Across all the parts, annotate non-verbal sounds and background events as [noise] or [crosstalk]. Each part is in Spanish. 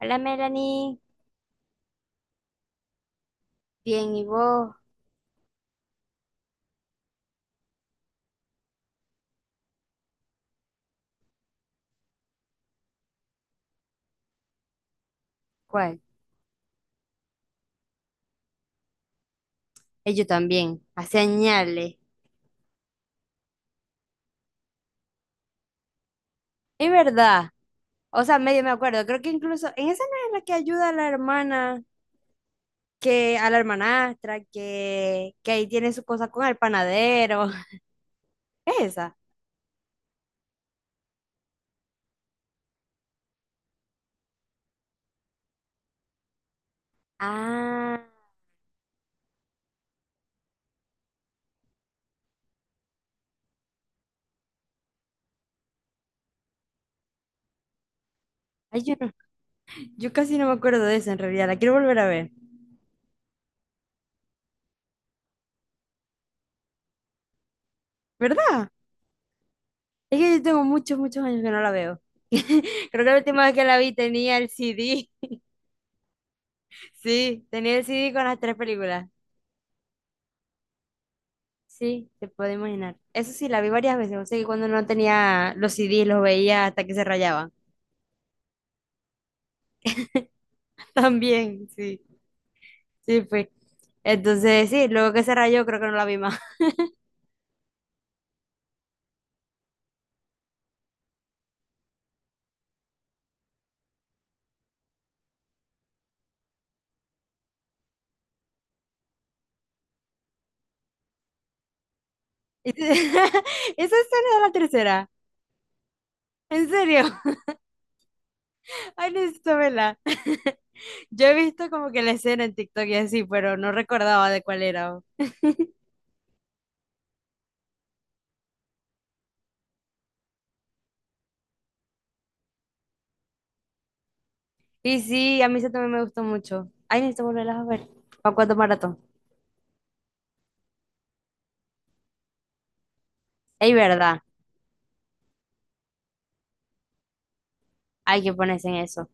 Hola, Melanie. Bien, ¿y vos? ¿Cuál? Yo también. A señales. Es verdad. O sea, medio me acuerdo. Creo que incluso en esa no es la que ayuda a la hermana, que a la hermanastra, que ahí tiene su cosa con el panadero. [laughs] ¿Es esa? Ah. Ay, yo casi no me acuerdo de esa en realidad. La quiero volver a ver. ¿Verdad? Es que yo tengo muchos, muchos años que no la veo. [laughs] Creo que la última vez que la vi tenía el CD. [laughs] Sí, tenía el CD con las tres películas. Sí, te puedo imaginar. Eso sí, la vi varias veces. O sea, que cuando no tenía los CDs, los veía hasta que se rayaban. [laughs] También, sí, sí fue. Entonces, sí, luego que se rayó, creo que no la vi más. [laughs] Esa escena de la tercera. ¿En serio? [laughs] Ay, necesito verla. [laughs] Yo he visto como que la escena en TikTok y así, pero no recordaba de cuál era. Y sí, a mí eso también me gustó mucho. Ay, necesito volverlas a ver. ¿Para cuánto maratón? Es verdad, hay que ponerse en eso.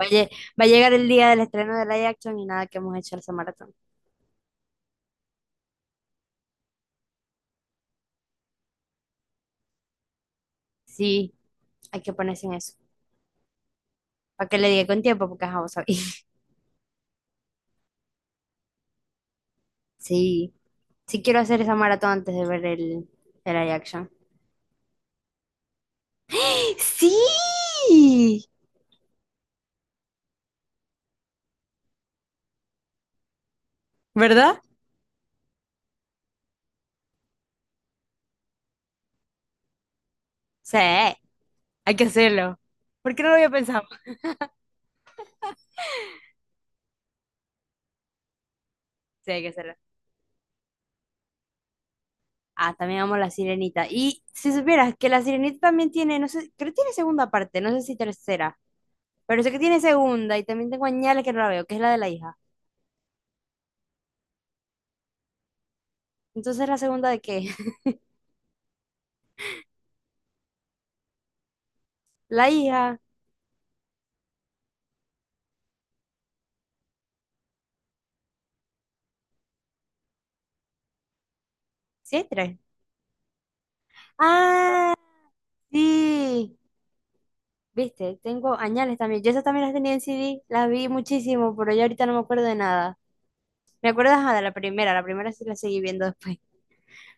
Va a, lle- va a llegar el día del estreno de live action y nada que hemos hecho esa maratón. Sí, hay que ponerse en eso. Para que le diga con tiempo, porque ajá, vos sabés. [laughs] Sí, sí quiero hacer esa maratón antes de ver el live action. ¡Sí! ¿Verdad? Sí, hay que hacerlo. ¿Por qué no lo había pensado? Sí, hay que hacerlo. Ah, también amo La Sirenita. Y si supieras que La Sirenita también tiene, no sé, creo que tiene segunda parte, no sé si tercera, pero sé que tiene segunda y también tengo añales que no la veo, que es la de la hija. Entonces, ¿la segunda de qué? La hija. Sí, hay tres. Ah, sí. Viste, tengo añales también. Yo esas también las tenía en CD, las vi muchísimo, pero ya ahorita no me acuerdo de nada. Me acuerdo ajá, de la primera sí la seguí viendo después.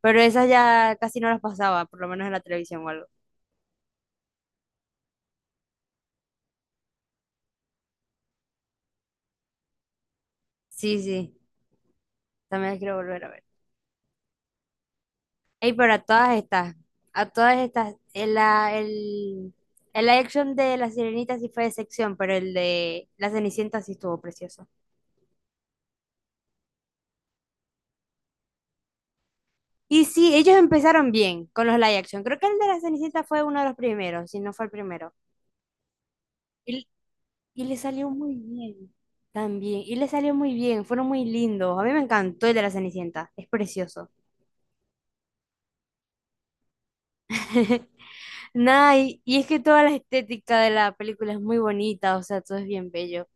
Pero esas ya casi no las pasaba, por lo menos en la televisión o algo. Sí, sí, también las quiero volver a ver. Ey, pero a todas estas, el live action de La Sirenita sí fue de sección, pero el de La Cenicienta sí estuvo precioso. Y sí, ellos empezaron bien con los live action. Creo que el de la Cenicienta fue uno de los primeros, si no fue el primero. Y, y le salió muy bien también. Y le salió muy bien, fueron muy lindos. A mí me encantó el de la Cenicienta, es precioso. [laughs] Nada, y es que toda la estética de la película es muy bonita, o sea, todo es bien bello,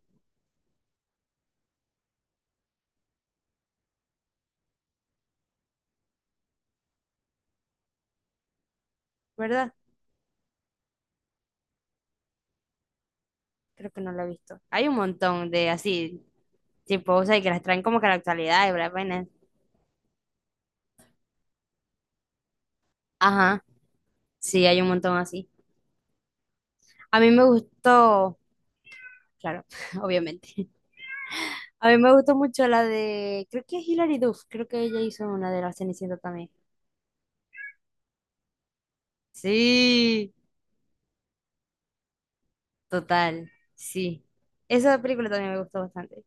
¿verdad? Creo que no lo he visto. Hay un montón de así, tipo, o sea, y que las traen como que a la actualidad y bla, bla, bla. Ajá, sí, hay un montón así. A mí me gustó, claro, [laughs] obviamente. A mí me gustó mucho la de, creo que es Hilary Duff, creo que ella hizo una de la Cenicienta también. Sí, total, sí. Esa película también me gustó bastante.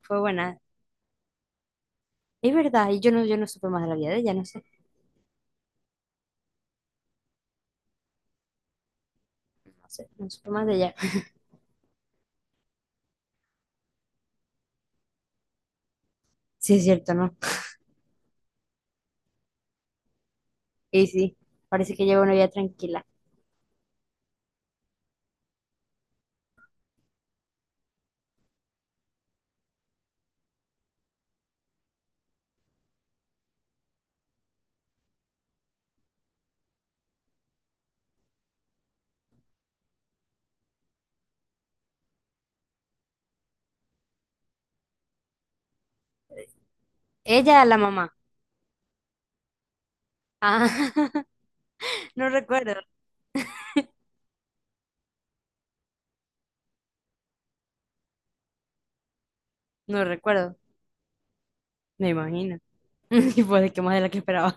Fue buena. Es verdad, y yo no supe más de la vida de ella, no sé, no sé, no supe más de ella. [laughs] Sí, es cierto, ¿no? Y sí, parece que lleva una vida tranquila. Ella, la mamá. Ah, [laughs] no recuerdo, no recuerdo, me imagino. [laughs] Y pues de que más de la que esperaba.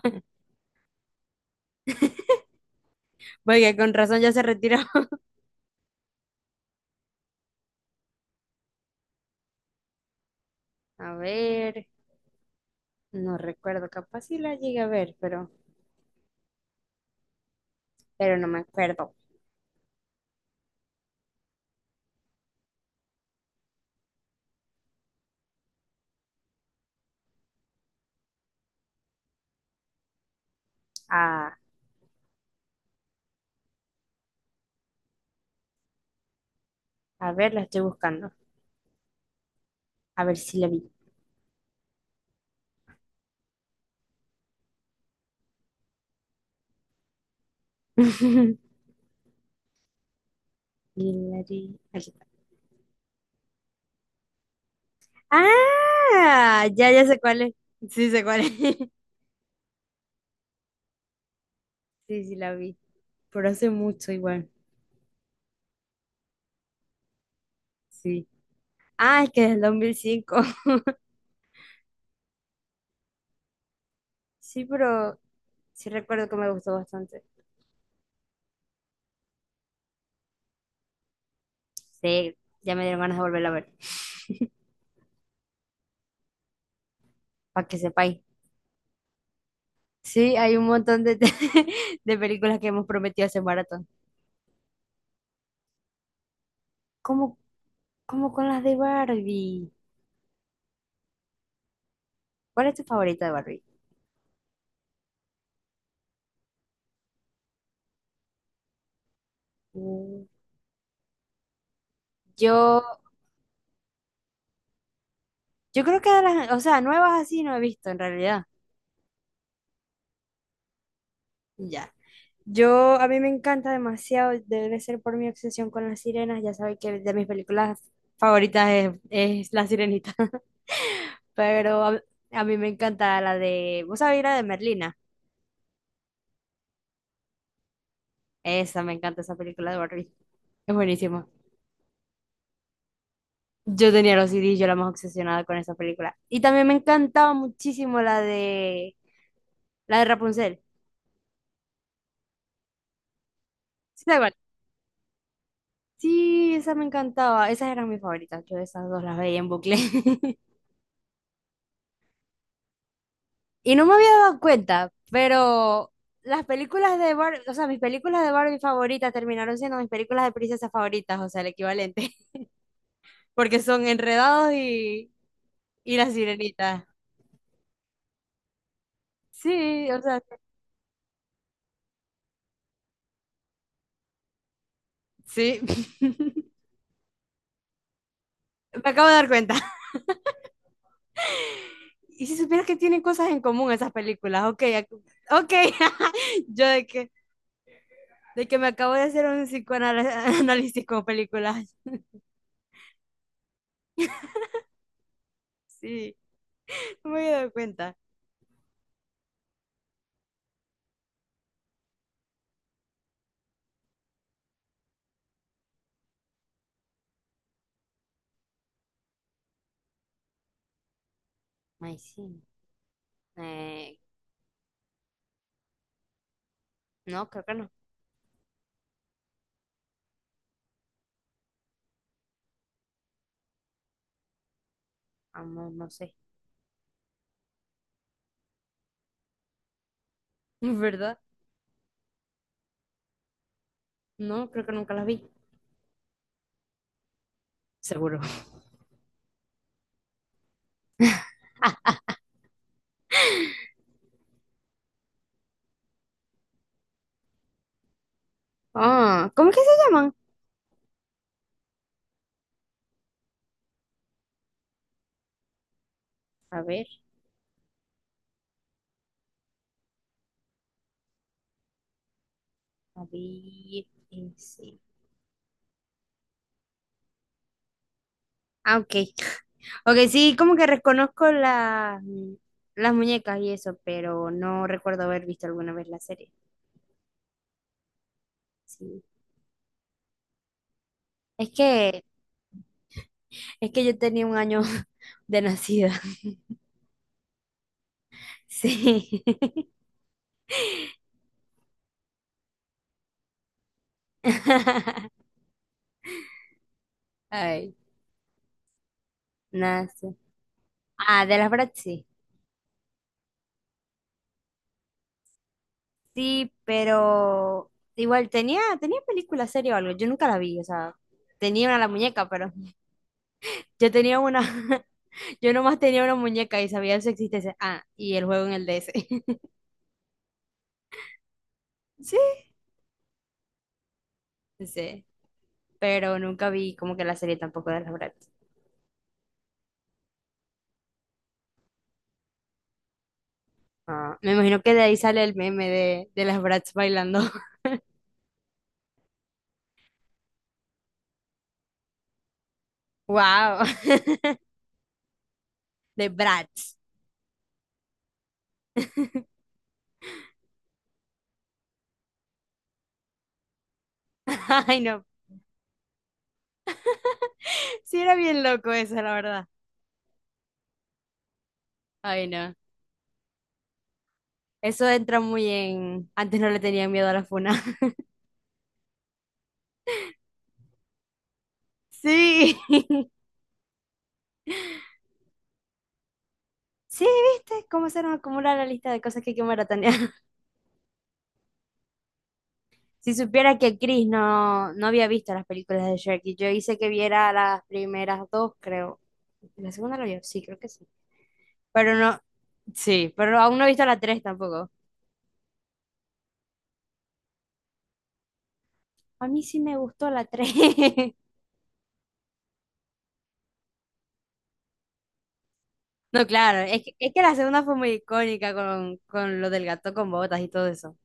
[laughs] Porque con razón ya se retiró. [laughs] A ver. No recuerdo, capaz si la llegué a ver, pero no me acuerdo. A, a ver, la estoy buscando. A ver si la vi. [laughs] Aquí está. ¡Ah! Ya sé cuál es. Sí, sé cuál es. [laughs] Sí, sí, la vi. Pero hace mucho igual. Sí. Ah, es que es del 5. [laughs] Sí, pero sí recuerdo que me gustó bastante. Sí, ya me dieron ganas de volverla a ver. [laughs] Para que sepáis. Sí, hay un montón de, [laughs] de películas que hemos prometido hacer maratón. ¿Cómo Como con las de Barbie. ¿Cuál es tu favorita de Barbie? Mm, Yo, yo creo que de las, o sea, nuevas así no he visto en realidad. Ya. A mí me encanta demasiado, debe ser por mi obsesión con las sirenas. Ya sabes que de mis películas favoritas es La Sirenita. [laughs] Pero a mí me encanta la de, ¿vos sabés la de Merlina? Esa, me encanta esa película de Barbie. Es buenísima. Yo tenía los CDs, yo era más obsesionada con esa película. Y también me encantaba muchísimo la de Rapunzel. Sí, tal cual. Sí, esa me encantaba. Esas eran mis favoritas. Yo esas dos las veía en bucle. [laughs] Y no me había dado cuenta, pero las películas de Barbie, o sea, mis películas de Barbie favoritas terminaron siendo mis películas de princesas favoritas, o sea, el equivalente. [laughs] Porque son Enredados y La Sirenita. Sí, o sea, sí. [laughs] Me acabo de dar cuenta. Y si supieras que tienen cosas en común esas películas, ok, ok. [laughs] Yo de que me acabo de hacer un psicoanálisis [laughs] con películas. Sí, no me había dado cuenta. Ay, sí. Eh, no, creo que no. Ah, no, no sé. [laughs] ¿Verdad? No, creo que nunca las vi. Seguro. Ah, ¿cómo es que se llaman? A ver, a ver. Sí. Ah, ok. Ok, sí, como que reconozco las muñecas y eso, pero no recuerdo haber visto alguna vez la serie. Sí. Es que, es que yo tenía 1 año [laughs] de nacida. Sí. [laughs] Ay, nace Ah, de las Bratz sí. Sí, pero igual tenía película, serie o algo. Yo nunca la vi, o sea, tenía una la muñeca, pero [laughs] yo tenía una, [laughs] yo nomás tenía una muñeca y sabía de su existencia. Ah, y el juego en el DS. [laughs] Sí, sí. Pero nunca vi como que la serie tampoco de las Bratz. Ah, me imagino que de ahí sale el meme de las Bratz bailando. [laughs] Wow, [laughs] de Bratz. [laughs] Ay, no. Sí, era bien loco eso, la verdad. Ay, no. Eso entra muy en. Antes no le tenían miedo a la funa. [laughs] Sí, [laughs] sí, ¿viste? Cómo se nos acumula la lista de cosas que hay que maratonear. [laughs] Si supiera que Chris no había visto las películas de Shrek y yo hice que viera las primeras dos, creo. La segunda la vio, sí, creo que sí. Pero no, sí, pero aún no he visto la tres tampoco. A mí sí me gustó la tres. [laughs] No, claro, es que la segunda fue muy icónica con, lo del gato con botas y todo eso.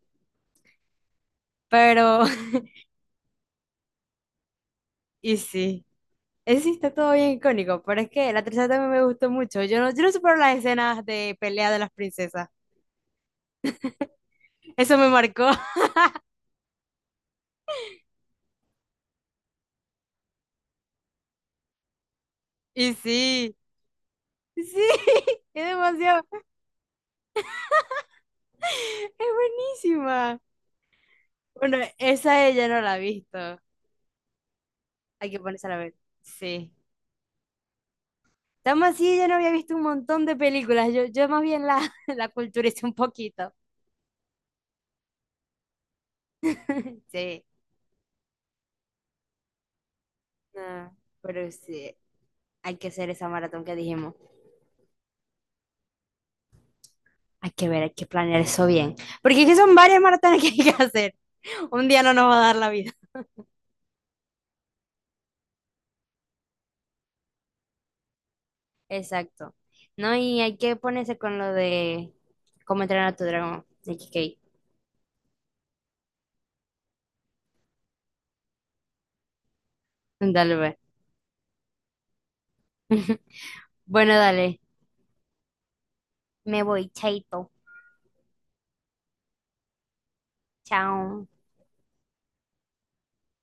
Pero, [laughs] y sí. Ese sí está todo bien icónico, pero es que la tercera también me gustó mucho. Yo no supero las escenas de pelea de las princesas. Eso me marcó. [laughs] Y sí, sí, [laughs] es demasiado, es buenísima. Bueno, esa ella no la ha visto. Hay que ponerse a ver. Sí. Estamos así, yo no había visto un montón de películas. Yo más bien la, [laughs] la culturé un poquito. Sí, no, pero sí, hay que hacer esa maratón que dijimos. Hay que ver, hay que planear eso bien. Porque es que son varias maratones [laughs] que hay que hacer. Un día no nos va a dar la vida. Exacto. No, y hay que ponerse con lo de cómo entrenar a tu dragón de Kikei. Dale, pues. [laughs] Bueno, dale. Me voy, chaito. Chao.